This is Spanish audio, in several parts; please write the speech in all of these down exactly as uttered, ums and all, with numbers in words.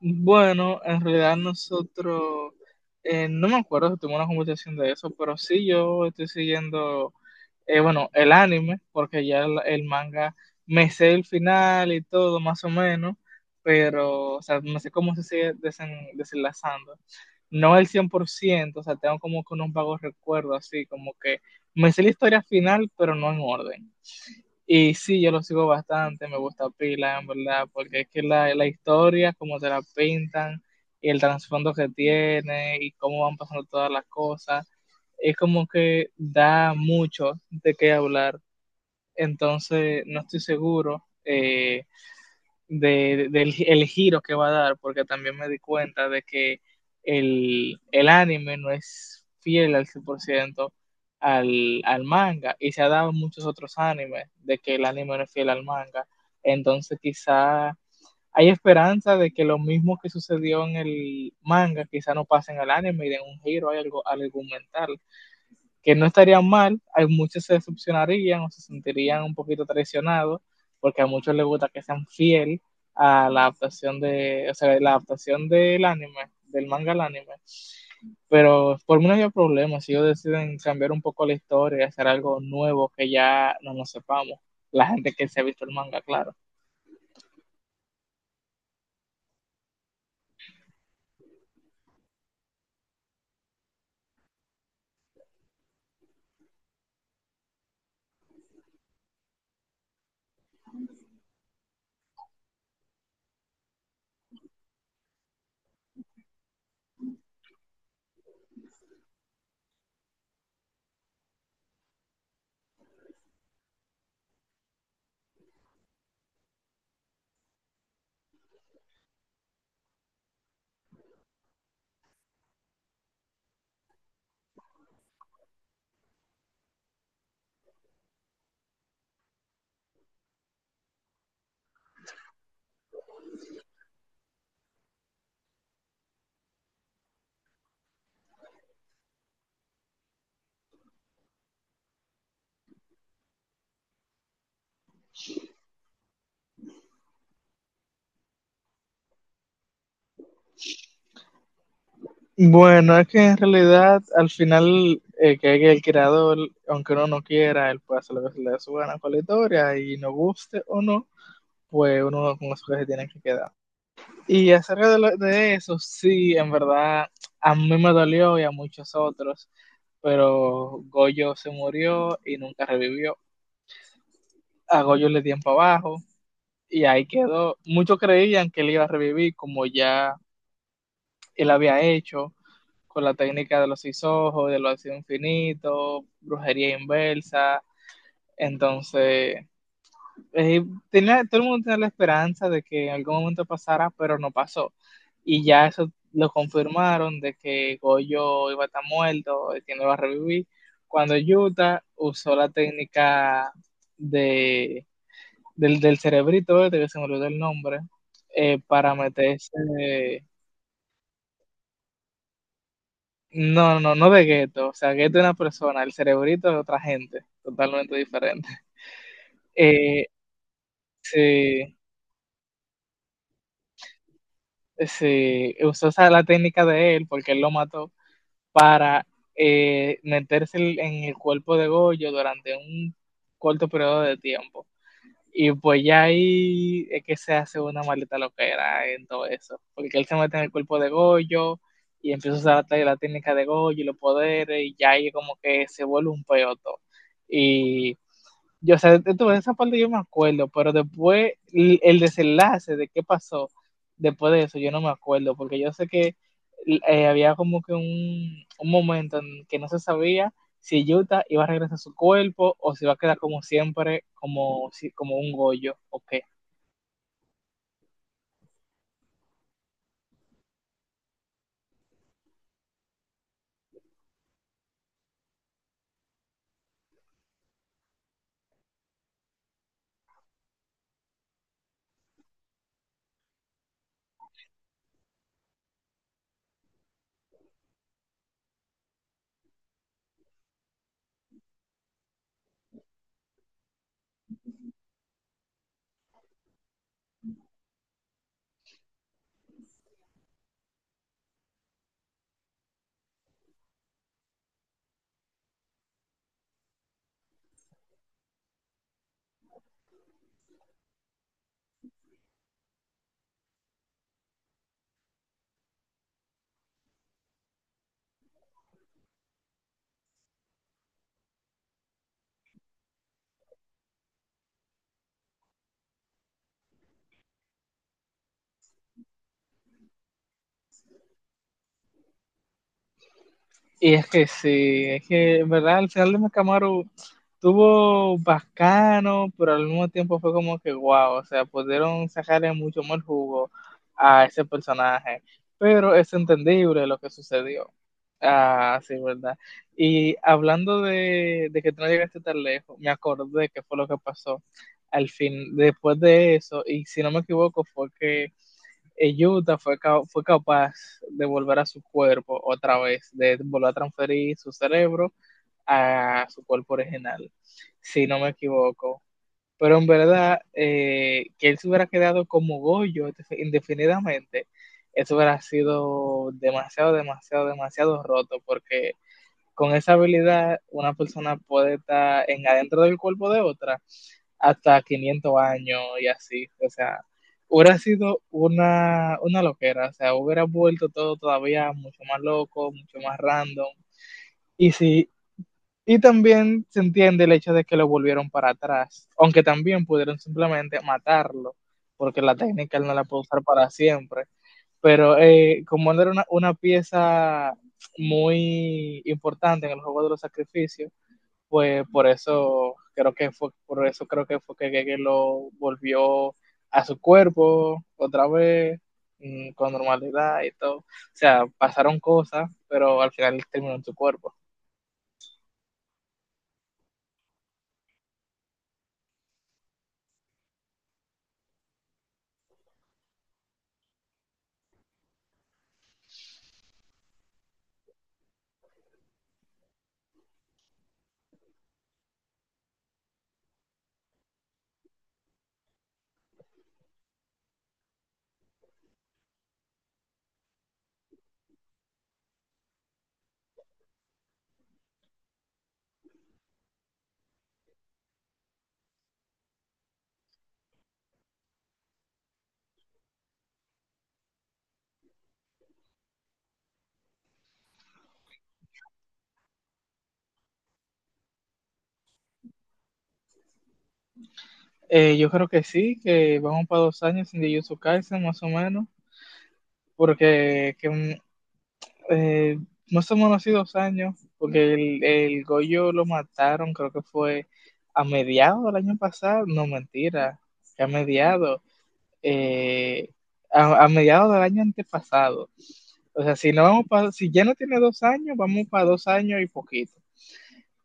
Bueno, en realidad nosotros, eh, no me acuerdo si tuvimos una conversación de eso, pero sí yo estoy siguiendo, eh, bueno, el anime, porque ya el, el manga me sé el final y todo, más o menos, pero, o sea, no sé cómo se sigue desen- desenlazando. No el cien por ciento, o sea, tengo como que unos vagos recuerdos, así como que me sé la historia final, pero no en orden. Y sí, yo lo sigo bastante, me gusta pila, en verdad, porque es que la, la historia, como te la pintan, y el trasfondo que tiene, y cómo van pasando todas las cosas, es como que da mucho de qué hablar. Entonces, no estoy seguro. eh, de, de- del el giro que va a dar, porque también me di cuenta de que el, el anime no es fiel al cien por ciento al, al manga, y se ha dado en muchos otros animes de que el anime no es fiel al manga. Entonces quizá hay esperanza de que lo mismo que sucedió en el manga quizá no pase en el anime y den un giro al- algo- al argumental que no estarían mal, hay muchos se decepcionarían o se sentirían un poquito traicionados, porque a muchos les gusta que sean fiel a la adaptación de, o sea, la adaptación del anime, del manga al anime. Pero por mí no había problema si ellos deciden cambiar un poco la historia, hacer algo nuevo que ya no nos sepamos. La gente que se ha visto el manga, claro. Bueno, es que en realidad al final eh, que el creador, aunque uno no quiera, él puede hacer lo que se le dé su gana con la historia y no guste o no, pues uno con eso que se tiene que quedar. Y acerca de, lo- de eso, sí, en verdad, a mí me dolió y a muchos otros, pero Goyo se murió y nunca revivió. A Goyo le dieron para abajo y ahí quedó. Muchos creían que él iba a revivir como ya él había hecho con la técnica de los seis ojos, de los ácidos infinitos, brujería inversa. Entonces, eh, tenía, todo el mundo tenía la esperanza de que en algún momento pasara, pero no pasó. Y ya eso lo confirmaron de que Goyo iba a estar muerto, que no iba a revivir, cuando Utah usó la técnica de, del, del cerebrito, de que se me olvidó el nombre, eh, para meterse... No, no, no de gueto. O sea, gueto es una persona, el cerebrito es otra gente, totalmente diferente. Eh, sí, sí, usó esa, la técnica de él, porque él lo mató, para eh, meterse en el cuerpo de Goyo durante un corto periodo de tiempo. Y pues ya ahí es que se hace una maleta loquera en todo eso, porque él se mete en el cuerpo de Goyo y empieza a usar la, la técnica de Goyo y los poderes, y ya ahí como que se vuelve un peoto. Y yo, o sea, entonces, esa parte yo me acuerdo, pero después el, el desenlace de qué pasó después de eso, yo no me acuerdo, porque yo sé que eh, había como que un, un momento en que no se sabía si Yuta iba a regresar a su cuerpo o si iba a quedar como siempre, como, si- como un Goyo, ok. Y es que sí, es que en verdad al final de Camaro tuvo bacano, pero al mismo tiempo fue como que guau, o sea, pudieron sacarle mucho más jugo a ese personaje, pero es entendible lo que sucedió. Ah, sí, verdad. Y hablando de, de que tú no llegaste tan lejos, me acordé que fue lo que pasó al fin, después de eso, y si no me equivoco, fue que eh, Utah fue, ca- fue capaz de volver a su cuerpo otra vez, de volver a transferir su cerebro a su cuerpo original, si no me equivoco. Pero en verdad, eh, que él se hubiera quedado como Goyo indefinidamente, eso hubiera sido demasiado, demasiado, demasiado roto, porque con esa habilidad una persona puede estar en adentro del cuerpo de otra hasta quinientos años y así, o sea, hubiera sido una, una loquera, o sea, hubiera vuelto todo todavía mucho más loco, mucho más random. Y sí, y también se entiende el hecho de que lo volvieron para atrás, aunque también pudieron simplemente matarlo, porque la técnica él no la puede usar para siempre. Pero eh, como él era una, una pieza muy importante en el juego de los sacrificios, pues por eso creo que fue, por eso creo que fue que Gege lo volvió a su cuerpo otra vez mm, con normalidad y todo. O sea, pasaron cosas, pero al final terminó en su cuerpo. Eh, yo creo que sí, que vamos para dos años sin Jujutsu Kaisen más o menos, porque que, mm, eh, más o menos así dos años, porque el, el Goyo lo mataron, creo que fue a mediados del año pasado, no mentira, que a mediados, eh, a, a, mediados del año antepasado. O sea, si, no vamos para si ya no tiene dos años, vamos para dos años y poquito.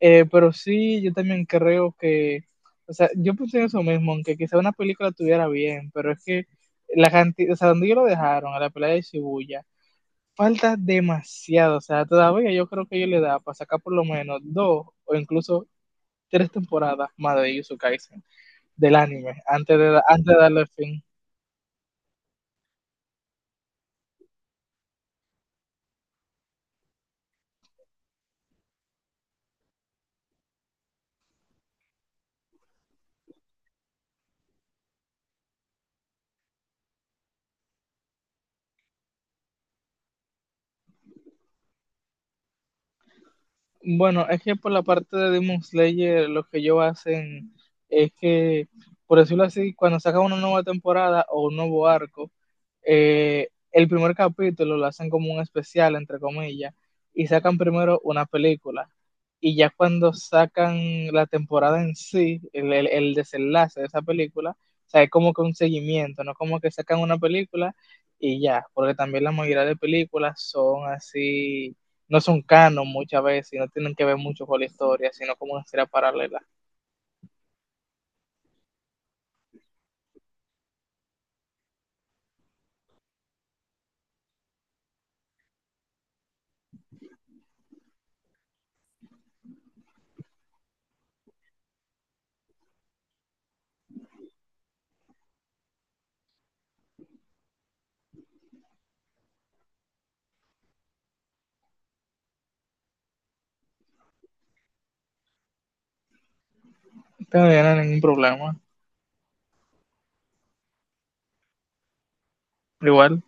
Eh, pero sí, yo también creo que, o sea, yo pensé en eso mismo, aunque quizá una película estuviera bien, pero es que la cantidad, o sea, donde ellos lo dejaron, a la pelea de Shibuya, falta demasiado, o sea, todavía yo creo que ellos le da para sacar por lo menos dos o incluso tres temporadas más de Yuzu Kaisen, del anime, antes de, antes de darle fin. Bueno, es que por la parte de Demon Slayer, lo que ellos hacen es que, por decirlo así, cuando sacan una nueva temporada o un nuevo arco, eh, el primer capítulo lo hacen como un especial, entre comillas, y sacan primero una película. Y ya cuando sacan la temporada en sí, el, el- el desenlace de esa película, o sea, es como que un seguimiento, no como que sacan una película y ya, porque también la mayoría de películas son así no son canon muchas veces y no tienen que ver mucho con la historia, sino como una historia paralela. No tendrían ningún problema. Igual,